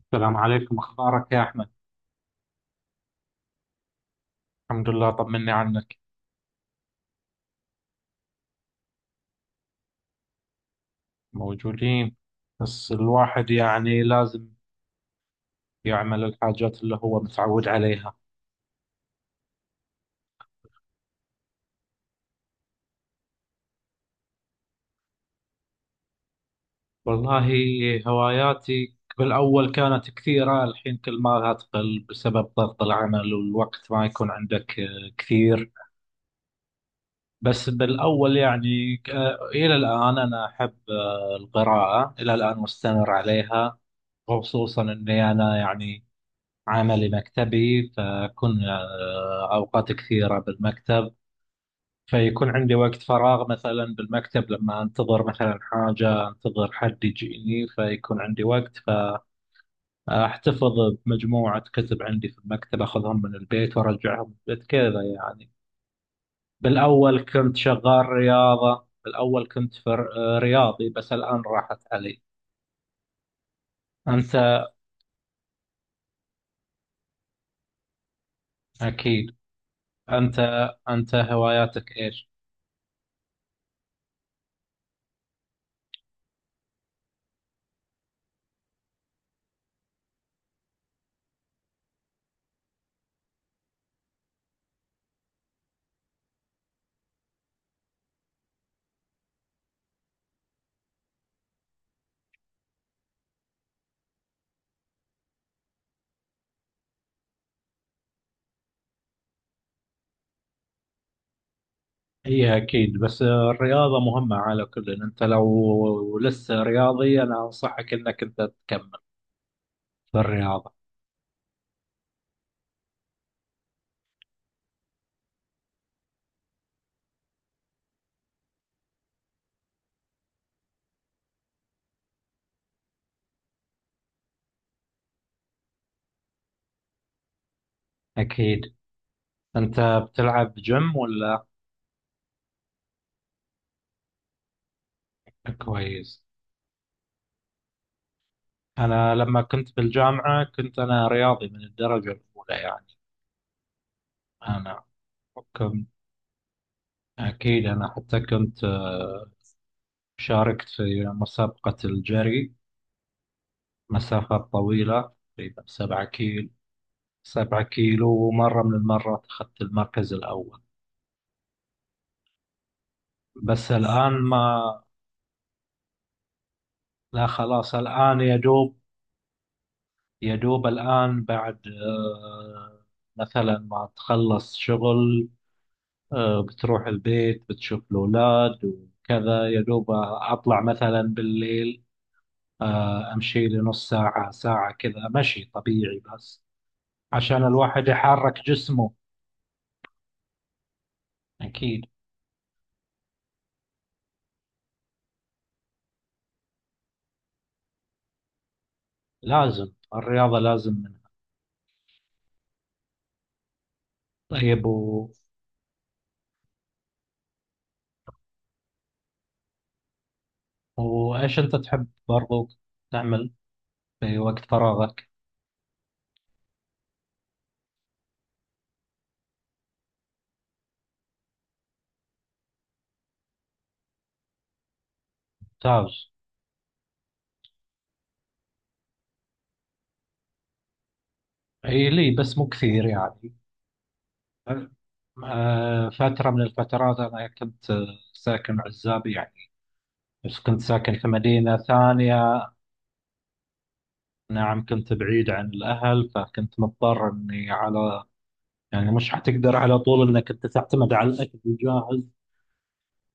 السلام عليكم، أخبارك يا أحمد؟ الحمد لله، طمني عنك. موجودين، بس الواحد يعني لازم يعمل الحاجات اللي هو متعود عليها. والله، هواياتي بالأول كانت كثيرة، الحين كل ما لها تقل بسبب ضغط العمل والوقت ما يكون عندك كثير. بس بالأول يعني، إلى الآن أنا أحب القراءة، إلى الآن مستمر عليها. خصوصا اني انا يعني عملي مكتبي، فكنا أوقات كثيرة بالمكتب. فيكون عندي وقت فراغ مثلا بالمكتب، لما أنتظر مثلا حاجة، أنتظر حد يجيني فيكون عندي وقت. فأحتفظ بمجموعة كتب عندي في المكتب، أخذهم من البيت وأرجعهم من البيت كذا يعني. بالأول كنت شغال رياضة، بالأول كنت في رياضي، بس الآن راحت علي. أنت أكيد. أنت أنت هواياتك إيش؟ هي أكيد، بس الرياضة مهمة على كل، إن أنت لو لسه رياضي أنا أنصحك إنك أنت تكمل في الرياضة. أكيد. أنت بتلعب جيم ولا؟ كويس. أنا لما كنت بالجامعة كنت أنا رياضي من الدرجة الأولى يعني. أنا كنت أكيد أنا حتى كنت، شاركت في مسابقة الجري مسافات طويلة، تقريبا 7 كيلو. سبعة كيلو، ومرة من المرات أخذت المركز الأول. بس الآن ما. لا خلاص، الآن يدوب. يدوب الآن بعد مثلا ما تخلص شغل، بتروح البيت بتشوف الأولاد وكذا، يدوب أطلع مثلا بالليل، أمشي لي نص ساعة ساعة كذا، مشي طبيعي بس عشان الواحد يحرك جسمه. أكيد، لازم الرياضة، لازم منها. طيب، وإيش أنت تحب برضو تعمل في وقت فراغك؟ تاج. إي لي بس مو كثير يعني. فترة من الفترات أنا كنت ساكن عزاب يعني، بس كنت ساكن في مدينة ثانية. نعم، كنت بعيد عن الأهل فكنت مضطر إني على. يعني مش حتقدر على طول إنك أنت تعتمد على الأكل الجاهز.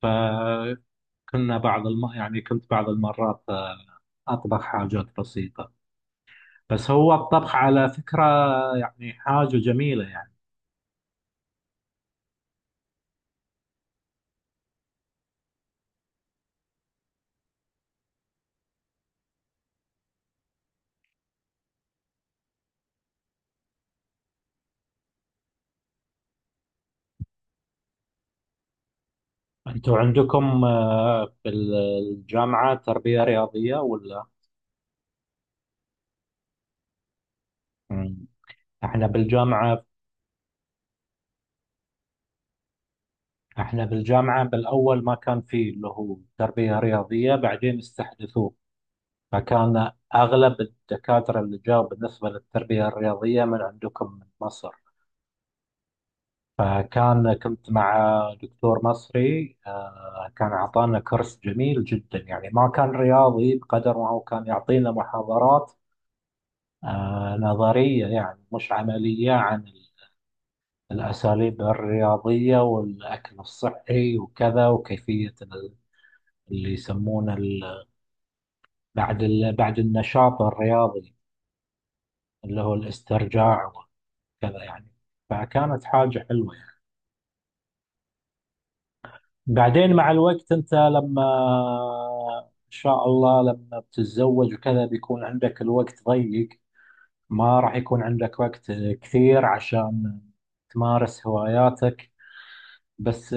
فكنا يعني كنت بعض المرات أطبخ حاجات بسيطة. بس هو الطبخ على فكرة يعني حاجة جميلة يعني. انتوا عندكم بالجامعة تربية رياضية ولا؟ مم. احنا بالجامعة احنا بالجامعة بالاول ما كان في اللي هو تربية رياضية، بعدين استحدثوه. فكان اغلب الدكاترة اللي جاوا بالنسبة للتربية الرياضية من عندكم من مصر. كنت مع دكتور مصري، كان أعطانا كورس جميل جدا يعني، ما كان رياضي بقدر ما هو كان يعطينا محاضرات نظرية يعني، مش عملية عن الأساليب الرياضية والأكل الصحي وكذا، وكيفية اللي يسمونه بعد النشاط الرياضي اللي هو الاسترجاع وكذا يعني، فكانت حاجة حلوة يعني. بعدين مع الوقت، أنت لما إن شاء الله لما بتتزوج وكذا بيكون عندك الوقت ضيق، ما راح يكون عندك وقت كثير عشان تمارس هواياتك، بس.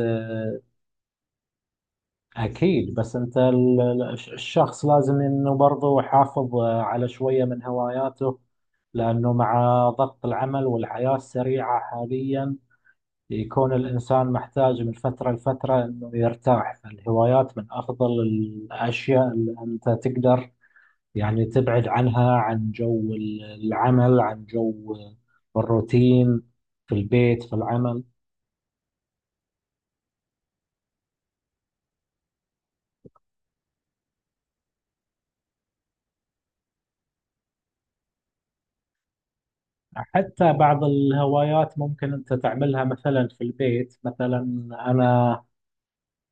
أكيد، بس أنت الشخص لازم إنه برضه يحافظ على شوية من هواياته، لأنه مع ضغط العمل والحياة السريعة حاليا يكون الإنسان محتاج من فترة لفترة إنه يرتاح. فالهوايات من أفضل الأشياء اللي أنت تقدر يعني تبعد عنها، عن جو العمل، عن جو الروتين في البيت، في العمل. حتى بعض الهوايات ممكن أنت تعملها مثلا في البيت. مثلا أنا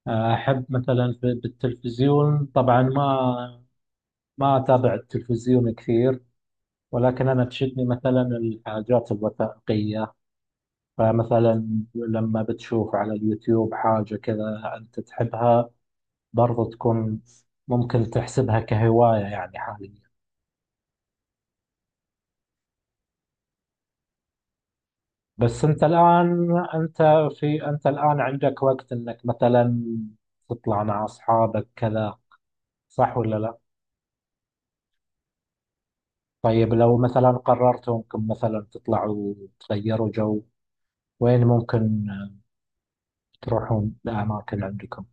أحب مثلا بالتلفزيون، طبعا ما أتابع التلفزيون كثير، ولكن أنا تشدني مثلا الحاجات الوثائقية. فمثلا لما بتشوف على اليوتيوب حاجة كذا أنت تحبها برضو، تكون ممكن تحسبها كهواية يعني حاليا. بس أنت الآن عندك وقت إنك مثلا تطلع مع أصحابك كذا، صح ولا لا؟ طيب، لو مثلا قررتوا إنكم مثلا تطلعوا تغيروا جو، وين ممكن تروحون لأماكن عندكم؟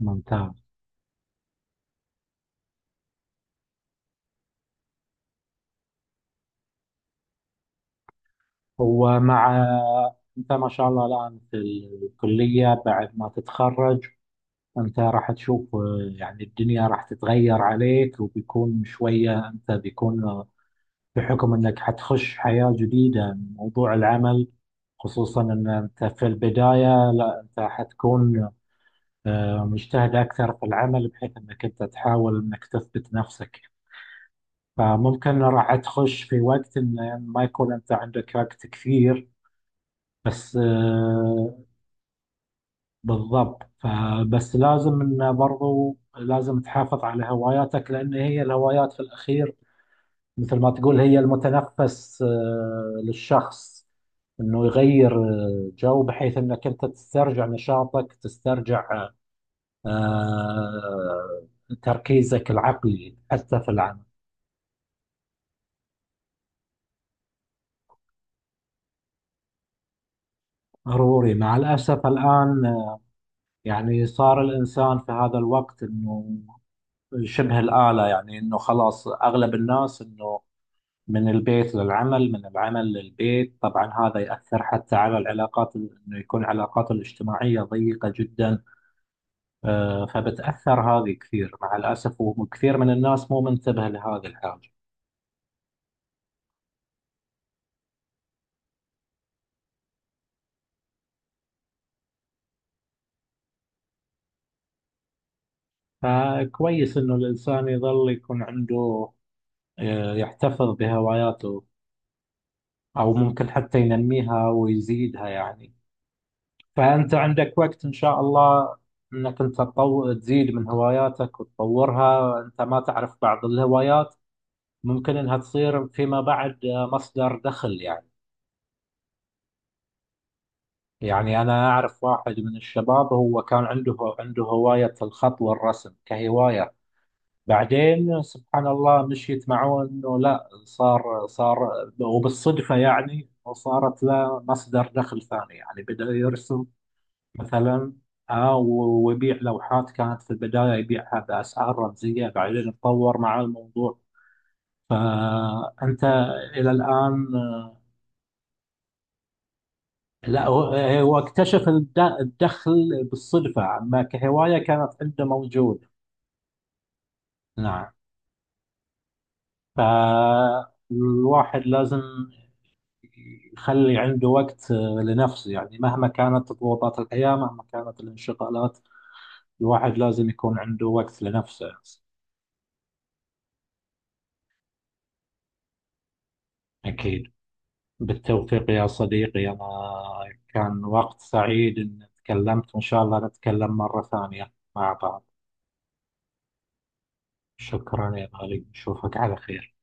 ممتاز. ومع أنت ما شاء الله الآن في الكلية، بعد ما تتخرج أنت راح تشوف يعني الدنيا راح تتغير عليك، وبيكون شوية أنت بيكون بحكم انك حتخش حياة جديدة موضوع العمل، خصوصا ان انت في البداية، لا انت حتكون مجتهد اكثر في العمل بحيث انك انت تحاول انك تثبت نفسك، فممكن راح تخش في وقت ان ما يكون انت عندك وقت كثير. بس بالضبط، فبس لازم ان برضو لازم تحافظ على هواياتك، لان هي الهوايات في الاخير مثل ما تقول هي المتنفس للشخص، انه يغير جو بحيث انك انت تسترجع نشاطك، تسترجع آه، تركيزك العقلي حتى في العمل. ضروري، مع الاسف الان يعني صار الانسان في هذا الوقت انه شبه الاله يعني، انه خلاص اغلب الناس انه من البيت للعمل، من العمل للبيت، طبعا هذا يأثر حتى على العلاقات، انه يكون علاقاته الاجتماعية ضيقة جدا. فبتأثر هذه كثير مع الأسف، وكثير من الناس مو منتبه لهذه الحاجة. فكويس إنه الإنسان يظل يكون عنده يحتفظ بهواياته، أو ممكن حتى ينميها ويزيدها يعني. فأنت عندك وقت إن شاء الله إنك أنت تزيد من هواياتك وتطورها. أنت ما تعرف بعض الهوايات ممكن إنها تصير فيما بعد مصدر دخل يعني. يعني أنا أعرف واحد من الشباب، هو كان عنده هواية الخط والرسم كهواية، بعدين سبحان الله مشيت معه إنه لا صار، وبالصدفة يعني وصارت له مصدر دخل ثاني يعني، بدأ يرسم مثلا، ويبيع لوحات، كانت في البداية يبيعها بأسعار رمزية، بعدين اتطور مع الموضوع. فأنت إلى الآن. لا، هو اكتشف الدخل بالصدفة، أما كهواية كانت عنده موجود. نعم. فالواحد لازم يخلي عنده وقت لنفسه يعني، مهما كانت ضغوطات الحياة، مهما كانت الانشغالات، الواحد لازم يكون عنده وقت لنفسه. أكيد. بالتوفيق يا صديقي، أنا كان وقت سعيد إن تكلمت، وإن شاء الله نتكلم مرة ثانية مع بعض. شكرا يا غالي، نشوفك على خير.